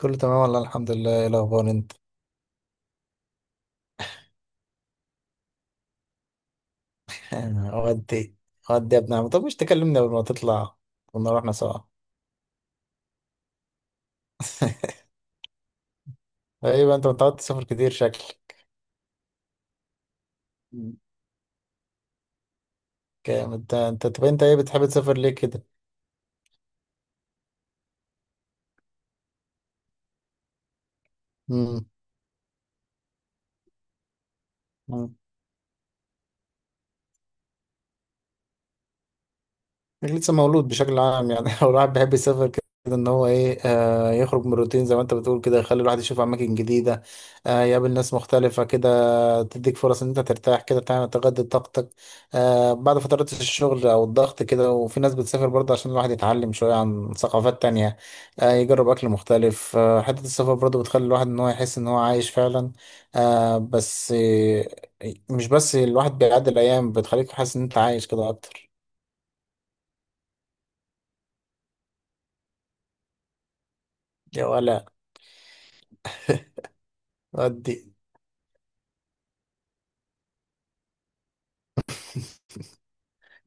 كله تمام، والله الحمد لله. ايه الاخبار انت؟ ودي، ودي يا ابن عم. طب مش تكلمني قبل ما تطلع؟ كنا رحنا سوا. ايه بقى، انت متعود تسافر كتير شكلك؟ جامد ده. انت طب انت ايه بتحب تسافر ليه كده؟ امم إنك لسه مولود بشكل عام يعني. لو الواحد بيحب يسافر كده، ان هو ايه، يخرج من الروتين زي ما انت بتقول كده، يخلي الواحد يشوف اماكن جديده. يقابل ناس مختلفه كده، تديك فرص ان انت ترتاح، كده تعمل تجدد طاقتك. بعد فترات الشغل او الضغط كده، وفي ناس بتسافر برضه عشان الواحد يتعلم شويه عن ثقافات تانية. يجرب اكل مختلف. حته السفر برضه بتخلي الواحد ان هو يحس ان هو عايش فعلا. بس مش بس الواحد بيعدي الايام، بتخليك حاسس ان انت عايش كده اكتر. يا ولا، ادي.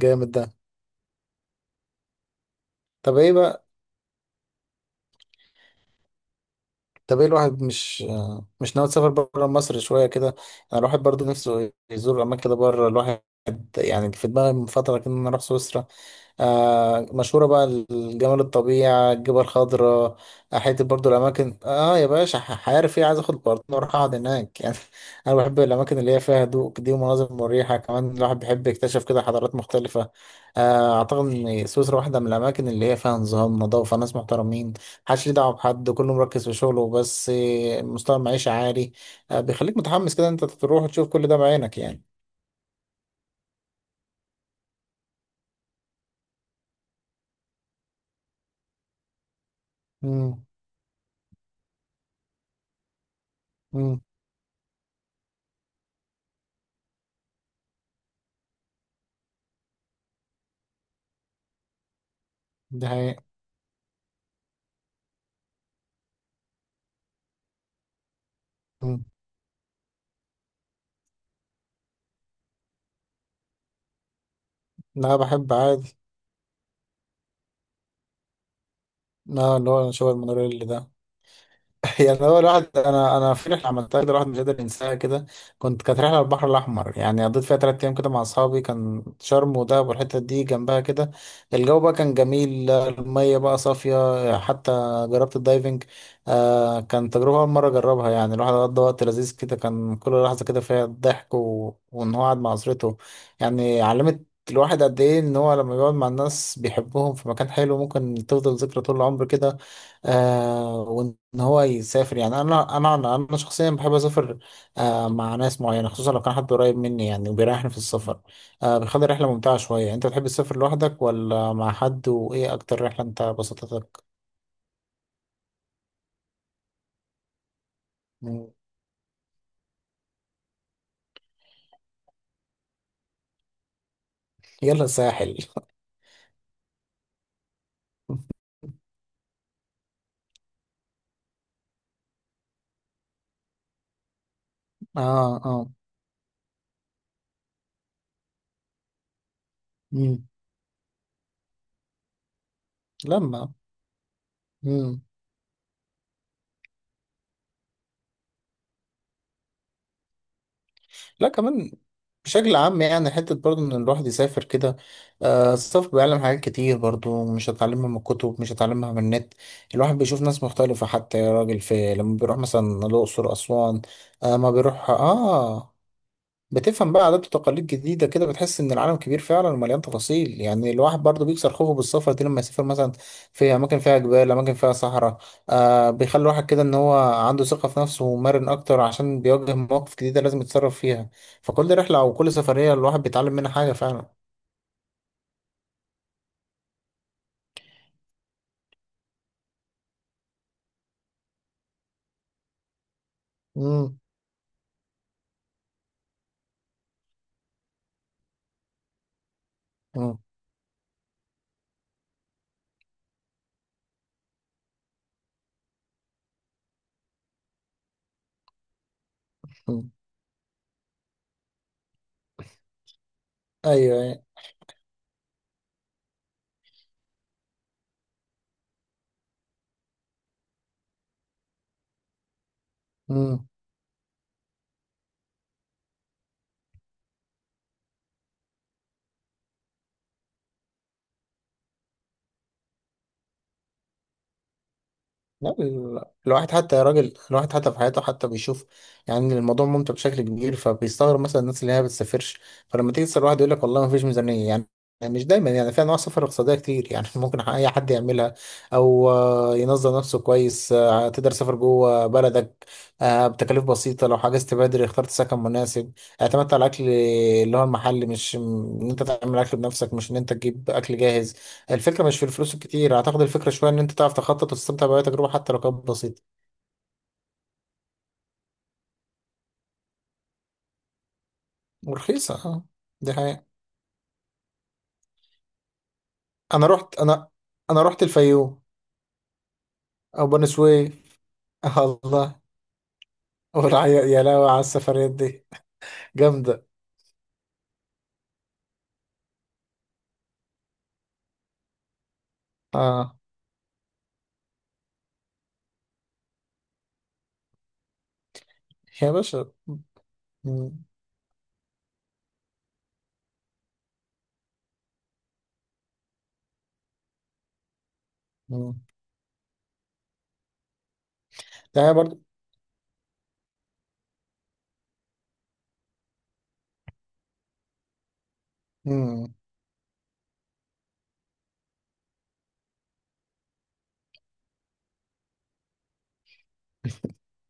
جامد ده. طب ايه بقى طب ايه الواحد مش ناوي تسافر بره مصر شوية كده؟ انا الواحد برضو نفسه يزور اماكن كده بره. الواحد يعني في دماغي من فترة كده ان انا اروح سويسرا. مشهورة بقى، الجمال، الطبيعة، الجبال الخضراء. حتة برضو الاماكن، يا باشا، عارف ايه، عايز اخد بارتنر واروح اقعد هناك يعني. انا بحب الاماكن اللي هي فيها هدوء دي ومناظر مريحة، كمان الواحد بيحب يكتشف كده حضارات مختلفة. اعتقد ان سويسرا واحدة من الاماكن اللي هي فيها نظام، نظافة، ناس محترمين. محدش ليه دعوه بحد، كله مركز في شغله بس، مستوى المعيشه عالي. بيخليك متحمس كده انت تروح تشوف كل ده بعينك يعني. امم. امم. ده حقيقي. مم. لا، بحب عادي. لا، اللي هو شغل المونوريل ده. يعني هو الواحد، انا في رحله عملتها كده، الواحد مش قادر ينساها كده. كانت رحله على البحر الاحمر، يعني قضيت فيها 3 ايام كده مع اصحابي، كان شرم ودهب والحته دي جنبها كده. الجو بقى كان جميل، الميه بقى صافيه حتى. جربت الدايفنج. كان تجربه اول مره اجربها، يعني الواحد قضى وقت لذيذ كده، كان كل لحظه كده فيها ضحك وان هو قاعد مع اسرته. يعني علمت الواحد قد ايه ان هو لما بيقعد مع الناس بيحبهم في مكان حلو ممكن تفضل ذكرى طول العمر كده. وان هو يسافر، يعني انا انا انا أنا شخصيا بحب اسافر. مع ناس معينه، خصوصا لو كان حد قريب مني يعني وبيريحني في السفر. بيخلي الرحله ممتعه شويه. انت بتحب تسافر لوحدك ولا مع حد؟ وايه اكتر رحله انت بسطتك؟ مم. يلا ساحل. اه، اه. مم. لما. مم. لا، كمان. بشكل عام يعني حتة برضو إن الواحد يسافر كده. السفر بيعلم حاجات كتير برضو، مش هتعلمها من الكتب، مش هتعلمها من النت. الواحد بيشوف ناس مختلفة، حتى يا راجل في لما بيروح مثلا الأقصر، أسوان. ما بيروح بتفهم بقى عادات وتقاليد جديدة كده، بتحس إن العالم كبير فعلا ومليان تفاصيل، يعني الواحد برضه بيكسر خوفه بالسفر دي لما يسافر مثلا في أماكن فيها جبال، أماكن فيها صحراء. بيخلي الواحد كده إن هو عنده ثقة في نفسه ومرن أكتر، عشان بيواجه مواقف جديدة لازم يتصرف فيها. فكل رحلة أو كل سفرية الواحد بيتعلم منها حاجة فعلا. مم. مم. مم. أيوه، أيوه. مم. لا، الواحد حتى يا راجل، الواحد حتى في حياته حتى بيشوف. يعني الموضوع ممتع بشكل كبير، فبيستغرب مثلا الناس اللي هي ما بتسافرش. فلما تيجي تسأل واحد يقول لك والله ما فيش ميزانية يعني. يعني مش دايما، يعني في انواع سفر اقتصاديه كتير يعني ممكن اي حد يعملها. او ينظم نفسه كويس. تقدر تسافر جوه بلدك بتكاليف بسيطه، لو حجزت بدري، اخترت سكن مناسب، اعتمدت على الاكل اللي هو المحلي، مش ان انت تعمل اكل بنفسك، مش ان انت تجيب اكل جاهز. الفكرة مش في الفلوس الكتير، أعتقد الفكرة شوية إن أنت تعرف تخطط وتستمتع بأي تجربة حتى لو كانت بسيطة ورخيصة، أه. دي حقيقة. أنا رحت أنا أنا رحت الفيوم أو بني سويف. الله. والعيا، يا لهوي على السفريات دي. جامدة. أه، يا باشا. مم. مم. ده برضه،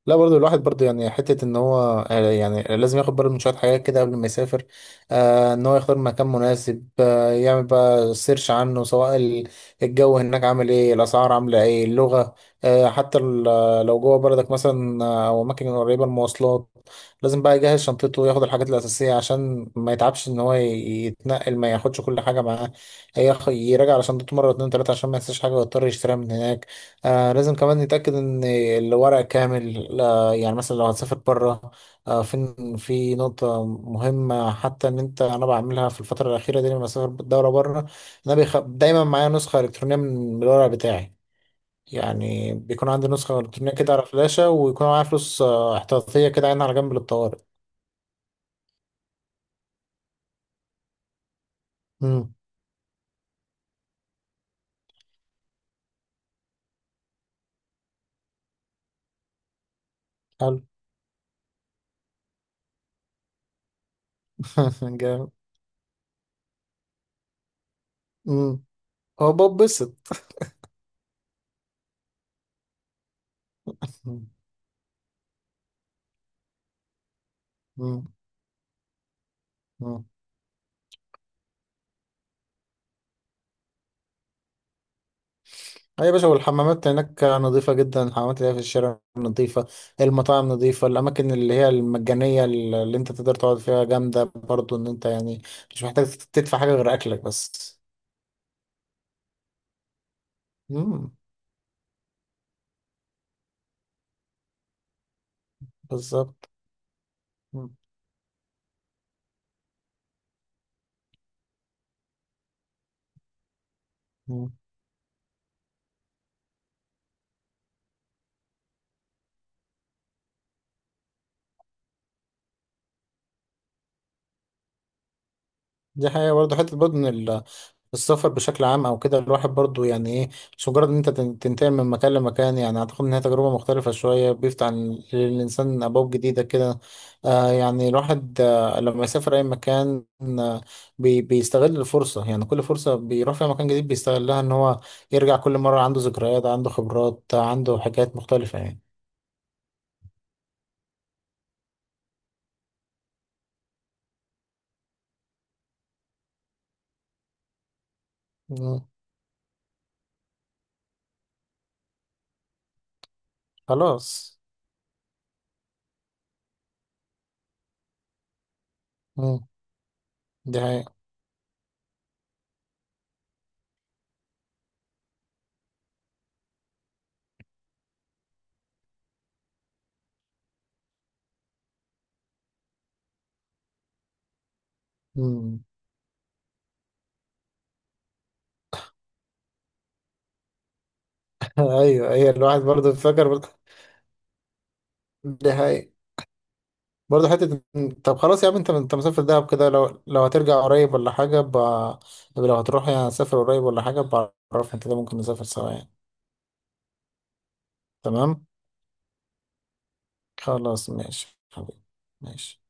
لا برضو الواحد برضو يعني حتة ان هو يعني لازم ياخد باله من شوية حاجات كده قبل ما يسافر. ان هو يختار مكان مناسب، يعمل بقى سيرش عنه، سواء الجو هناك عامل ايه، الاسعار عاملة ايه، اللغة. حتى لو جوه بلدك مثلا، او اماكن قريبة، المواصلات. لازم بقى يجهز شنطته وياخد الحاجات الاساسية عشان ما يتعبش ان هو يتنقل، ما ياخدش كل حاجة معاه. يراجع على شنطته مرة اتنين تلاتة عشان ما ينساش حاجة ويضطر يشتريها من هناك. لازم كمان نتأكد إن الورق كامل، يعني مثلا لو هتسافر بره، فين في نقطة مهمة حتى إن أنا بعملها في الفترة الأخيرة دي، لما بسافر بالدورة بره، إن أنا دايما معايا نسخة إلكترونية من الورق بتاعي. يعني بيكون عندي نسخة إلكترونية كده على فلاشة، ويكون معايا فلوس احتياطية كده، عينها على جنب للطوارئ. مم. حلو. جامد. مم. هو ببسط. مم. مم. أي يا باشا، والحمامات هناك نظيفة جدا، الحمامات اللي هي في الشارع نظيفة، المطاعم نظيفة، الأماكن اللي هي المجانية اللي أنت تقدر تقعد فيها جامدة برضو، إن أنت يعني مش محتاج تدفع حاجة غير أكلك بس. مم. بالظبط. مم. دي حقيقة برضه، حتة برضه إن السفر بشكل عام أو كده الواحد برضه يعني إيه، مش مجرد إن أنت تنتقل من مكان لمكان، يعني أعتقد إن هي تجربة مختلفة شوية، بيفتح للإنسان أبواب جديدة كده. يعني الواحد لما يسافر أي مكان، آه بيستغل الفرصة، يعني كل فرصة بيروح فيها مكان جديد بيستغلها إن هو يرجع كل مرة عنده ذكريات، عنده خبرات، عنده حاجات مختلفة يعني. مم. خلاص. مم. دي حقيقة. مم. أيوه، أيوه، الواحد برضه فاكر برضه. دي حقيقة. برضه حتة طب خلاص يا عم، انت مسافر دهب كده؟ لو هترجع قريب ولا حاجة لو هتروح يعني، هتسافر قريب ولا حاجة؟ بعرفني كده ممكن نسافر سوا يعني. تمام. خلاص ماشي حبيبي. ماشي.